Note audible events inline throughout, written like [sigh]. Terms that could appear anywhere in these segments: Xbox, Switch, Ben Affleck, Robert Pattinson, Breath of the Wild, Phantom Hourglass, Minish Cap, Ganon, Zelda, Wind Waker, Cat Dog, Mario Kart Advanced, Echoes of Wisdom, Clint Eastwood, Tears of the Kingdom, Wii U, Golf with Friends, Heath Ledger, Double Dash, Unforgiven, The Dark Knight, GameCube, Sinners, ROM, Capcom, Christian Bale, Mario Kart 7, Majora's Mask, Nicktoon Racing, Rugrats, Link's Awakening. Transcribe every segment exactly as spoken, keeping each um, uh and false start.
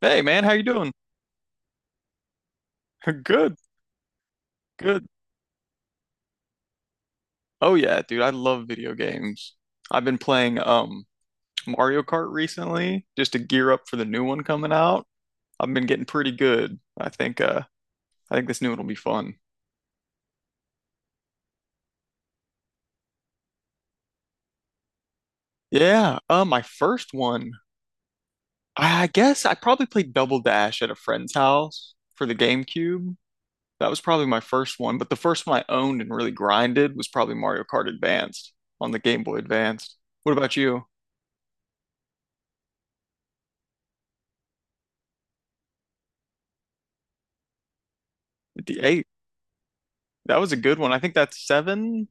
Hey man, how you doing? [laughs] Good, good. Oh yeah, dude, I love video games. I've been playing um Mario Kart recently just to gear up for the new one coming out. I've been getting pretty good. I think uh I think this new one will be fun. Yeah, uh my first one, I I guess I probably played Double Dash at a friend's house for the GameCube. That was probably my first one, but the first one I owned and really grinded was probably Mario Kart Advanced on the Game Boy Advanced. What about you? The eight? That was a good one. I think that's seven,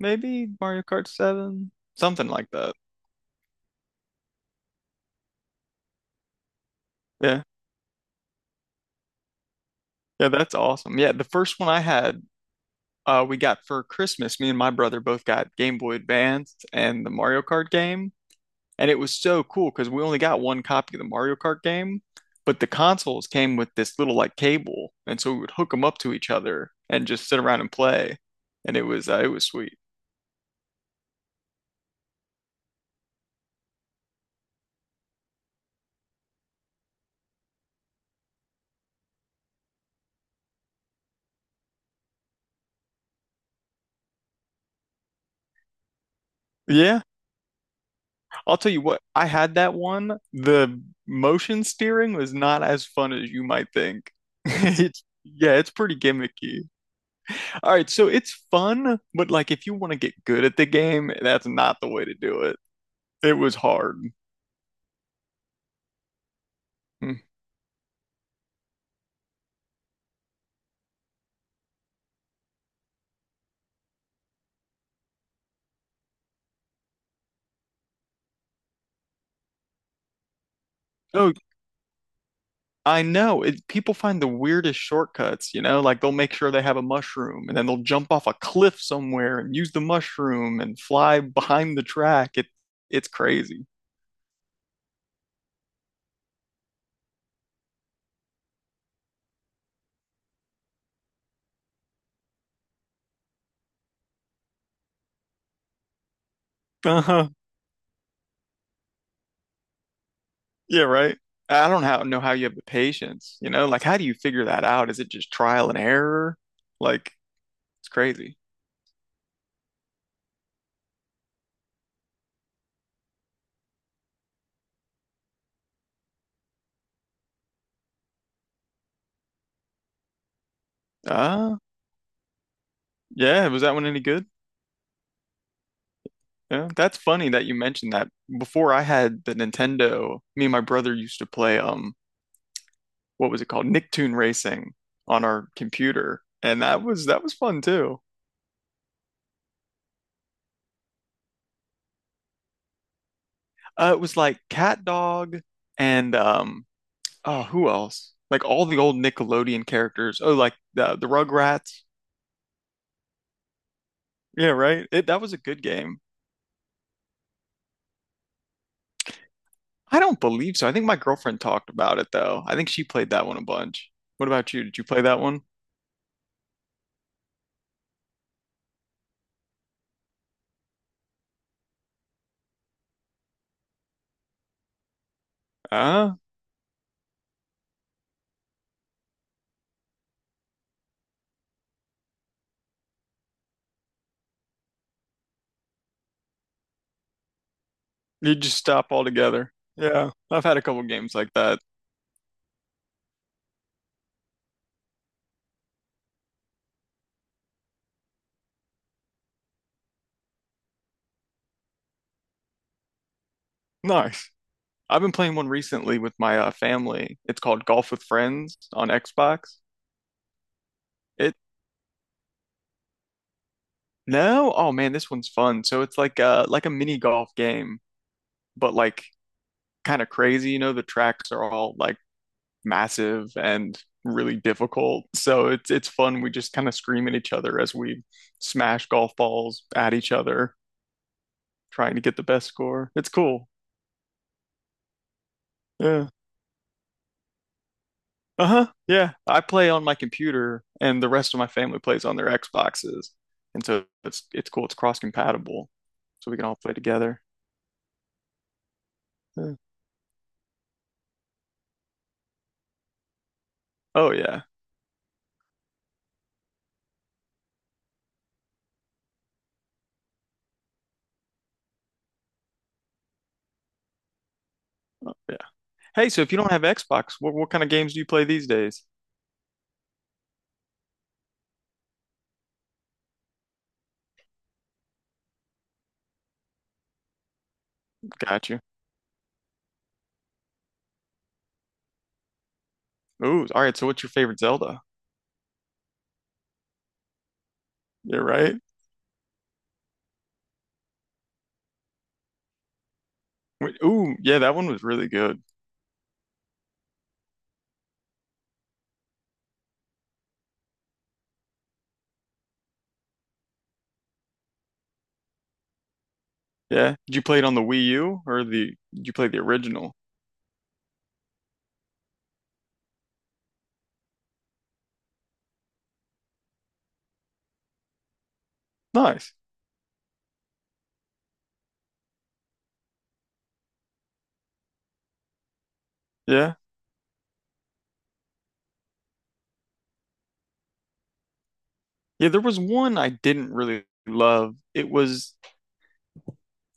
maybe Mario Kart seven, something like that. Yeah. Yeah, that's awesome. Yeah, the first one I had, uh, we got for Christmas. Me and my brother both got Game Boy Advance and the Mario Kart game, and it was so cool because we only got one copy of the Mario Kart game, but the consoles came with this little like cable, and so we would hook them up to each other and just sit around and play, and it was uh, it was sweet. Yeah. I'll tell you what, I had that one. The motion steering was not as fun as you might think. [laughs] It's, yeah, it's pretty gimmicky. All right, so it's fun, but like if you want to get good at the game, that's not the way to do it. It was hard. Mm. Oh, I know. It, people find the weirdest shortcuts, you know, like they'll make sure they have a mushroom and then they'll jump off a cliff somewhere and use the mushroom and fly behind the track. It it's crazy. [laughs] Yeah, right. I don't how, know how you have the patience, you know? Like, how do you figure that out? Is it just trial and error? Like, it's crazy. Ah, yeah. Was that one any good? Yeah. That's funny that you mentioned that. Before I had the Nintendo, me and my brother used to play, um, what was it called? Nicktoon Racing on our computer. And that was, that was fun too. Uh, it was like Cat Dog and, um, oh, who else? Like all the old Nickelodeon characters. Oh, like the, the Rugrats. Yeah, right. It, that was a good game. I don't believe so. I think my girlfriend talked about it though. I think she played that one a bunch. What about you? Did you play that one? Ah, you just stop altogether. Yeah, I've had a couple games like that. Nice. I've been playing one recently with my uh, family. It's called Golf with Friends on Xbox. It no, oh man, this one's fun. So it's like uh like a mini golf game, but like kind of crazy. You know, the tracks are all like massive and really difficult. So it's it's fun. We just kind of scream at each other as we smash golf balls at each other, trying to get the best score. It's cool. Yeah. Uh-huh. Yeah. I play on my computer and the rest of my family plays on their Xboxes. And so it's it's cool. It's cross compatible. So we can all play together. Yeah. Oh yeah. Oh, yeah. Hey, so if you don't have Xbox, what what kind of games do you play these days? Got you. Ooh, all right. So what's your favorite Zelda? Yeah, right. Wait, ooh, yeah, that one was really good. Yeah. Did you play it on the Wii U or the did you play the original? Nice. Yeah. Yeah, there was one I didn't really love. It was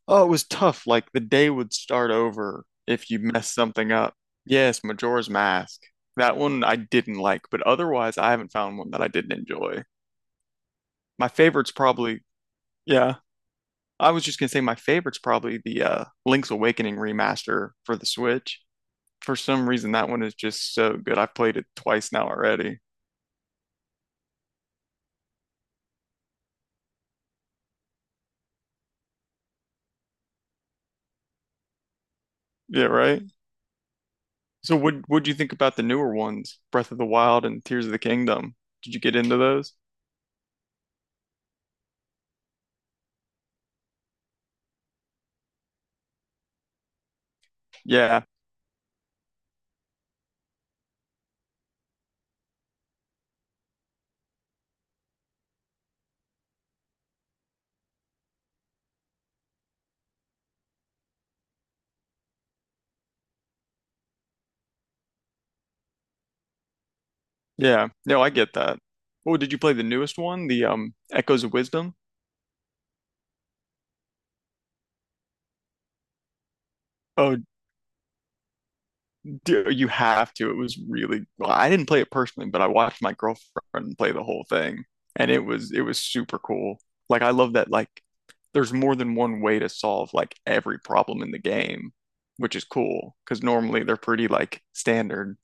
Oh, it was tough. Like the day would start over if you messed something up. Yes, Majora's Mask. That one I didn't like, but otherwise I haven't found one that I didn't enjoy. My favorite's probably yeah. I was just gonna say my favorite's probably the uh Link's Awakening remaster for the Switch. For some reason that one is just so good. I've played it twice now already. Yeah, right? So what what do you think about the newer ones, Breath of the Wild and Tears of the Kingdom? Did you get into those? Yeah, yeah. No, I get that. Oh, did you play the newest one, the um Echoes of Wisdom? Oh, dear, you have to. It was really, well, I didn't play it personally, but I watched my girlfriend play the whole thing, and it was it was super cool. Like I love that like there's more than one way to solve like every problem in the game, which is cool because normally they're pretty like standard.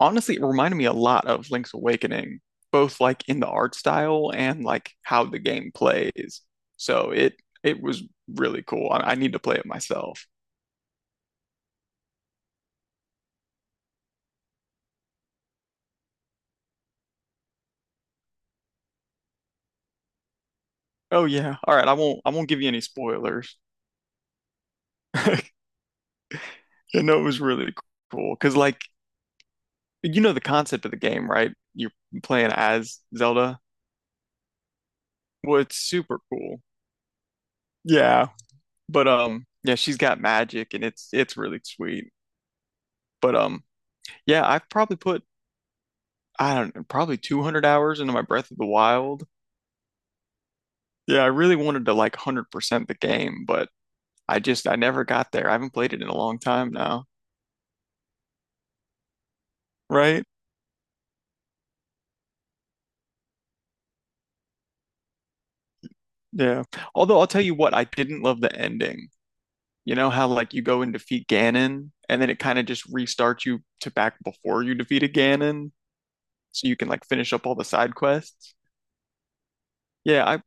Honestly, it reminded me a lot of Link's Awakening, both like in the art style and like how the game plays. So it it was really cool. I, I need to play it myself. Oh yeah. All right. I won't I won't give you any spoilers. [laughs] I know, it was really cool because like you know the concept of the game, right? You're playing as Zelda. Well, it's super cool. Yeah. But um yeah, she's got magic and it's it's really sweet. But um yeah, I've probably put I don't know, probably two hundred hours into my Breath of the Wild. Yeah, I really wanted to like one hundred percent the game, but I just, I never got there. I haven't played it in a long time now, right? Yeah. Although I'll tell you what, I didn't love the ending. You know how like you go and defeat Ganon and then it kind of just restarts you to back before you defeated Ganon so you can like finish up all the side quests? Yeah, I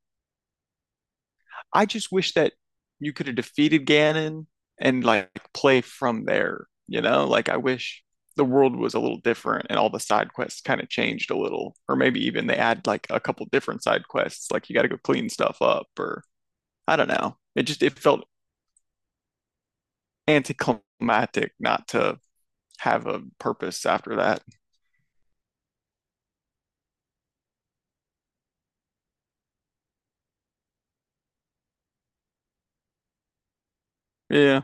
I just wish that you could have defeated Ganon and like play from there, you know? Like I wish the world was a little different and all the side quests kind of changed a little, or maybe even they add like a couple different side quests, like you got to go clean stuff up, or I don't know. It just it felt anticlimactic not to have a purpose after that. Yeah,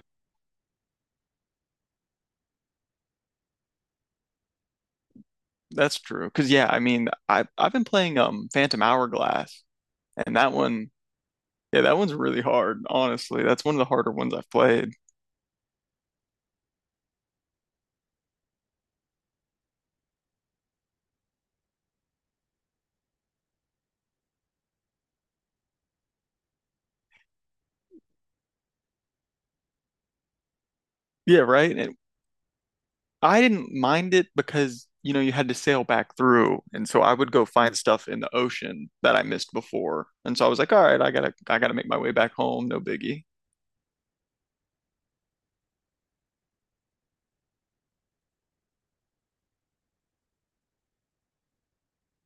that's true. Because yeah, I mean, I I've been playing um Phantom Hourglass, and that one, yeah, that one's really hard. Honestly, that's one of the harder ones I've played. Yeah, right. And I didn't mind it because, you know, you had to sail back through. And so I would go find stuff in the ocean that I missed before. And so I was like, all right, I gotta I gotta make my way back home, no biggie.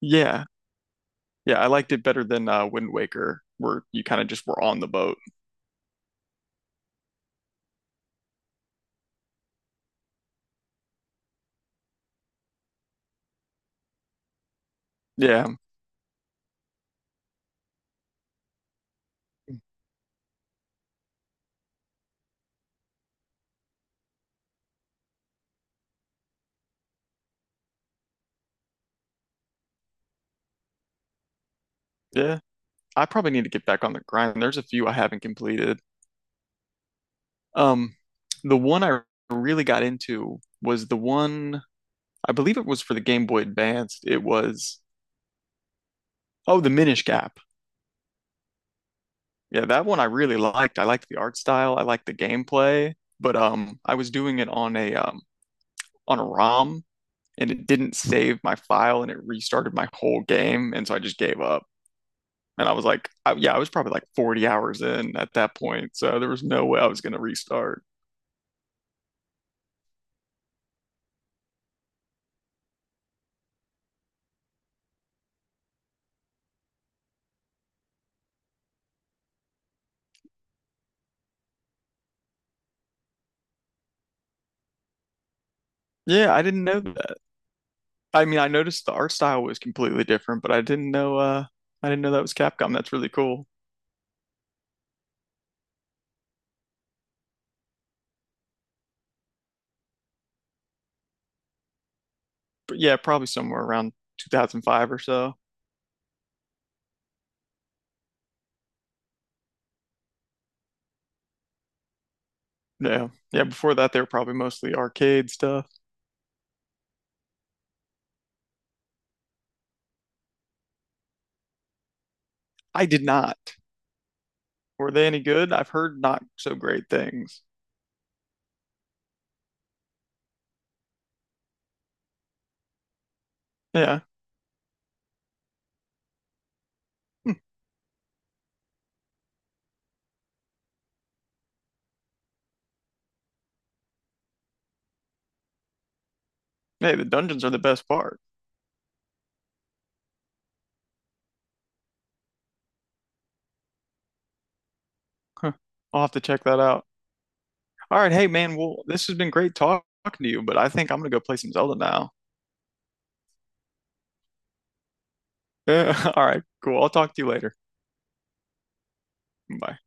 Yeah. Yeah, I liked it better than uh Wind Waker, where you kind of just were on the boat. Yeah, yeah. I probably need to get back on the grind. There's a few I haven't completed. Um, the one I really got into was the one I believe it was for the Game Boy Advance. It was Oh, the Minish Cap. Yeah, that one I really liked. I liked the art style. I liked the gameplay, but um, I was doing it on a um on a ROM, and it didn't save my file, and it restarted my whole game, and so I just gave up. And I was like, I, yeah, I was probably like forty hours in at that point, so there was no way I was gonna restart. Yeah, I didn't know that. I mean, I noticed the art style was completely different, but I didn't know uh I didn't know that was Capcom. That's really cool. But yeah, probably somewhere around two thousand five or so. Yeah. Yeah, before that they were probably mostly arcade stuff. I did not. Were they any good? I've heard not so great things. Yeah. Hmm. Hey, the dungeons are the best part. Huh. I'll have to check that out. All right, hey man, well, this has been great talk- talking to you, but I think I'm gonna go play some Zelda now. [laughs] Yeah. All right, cool. I'll talk to you later. Bye.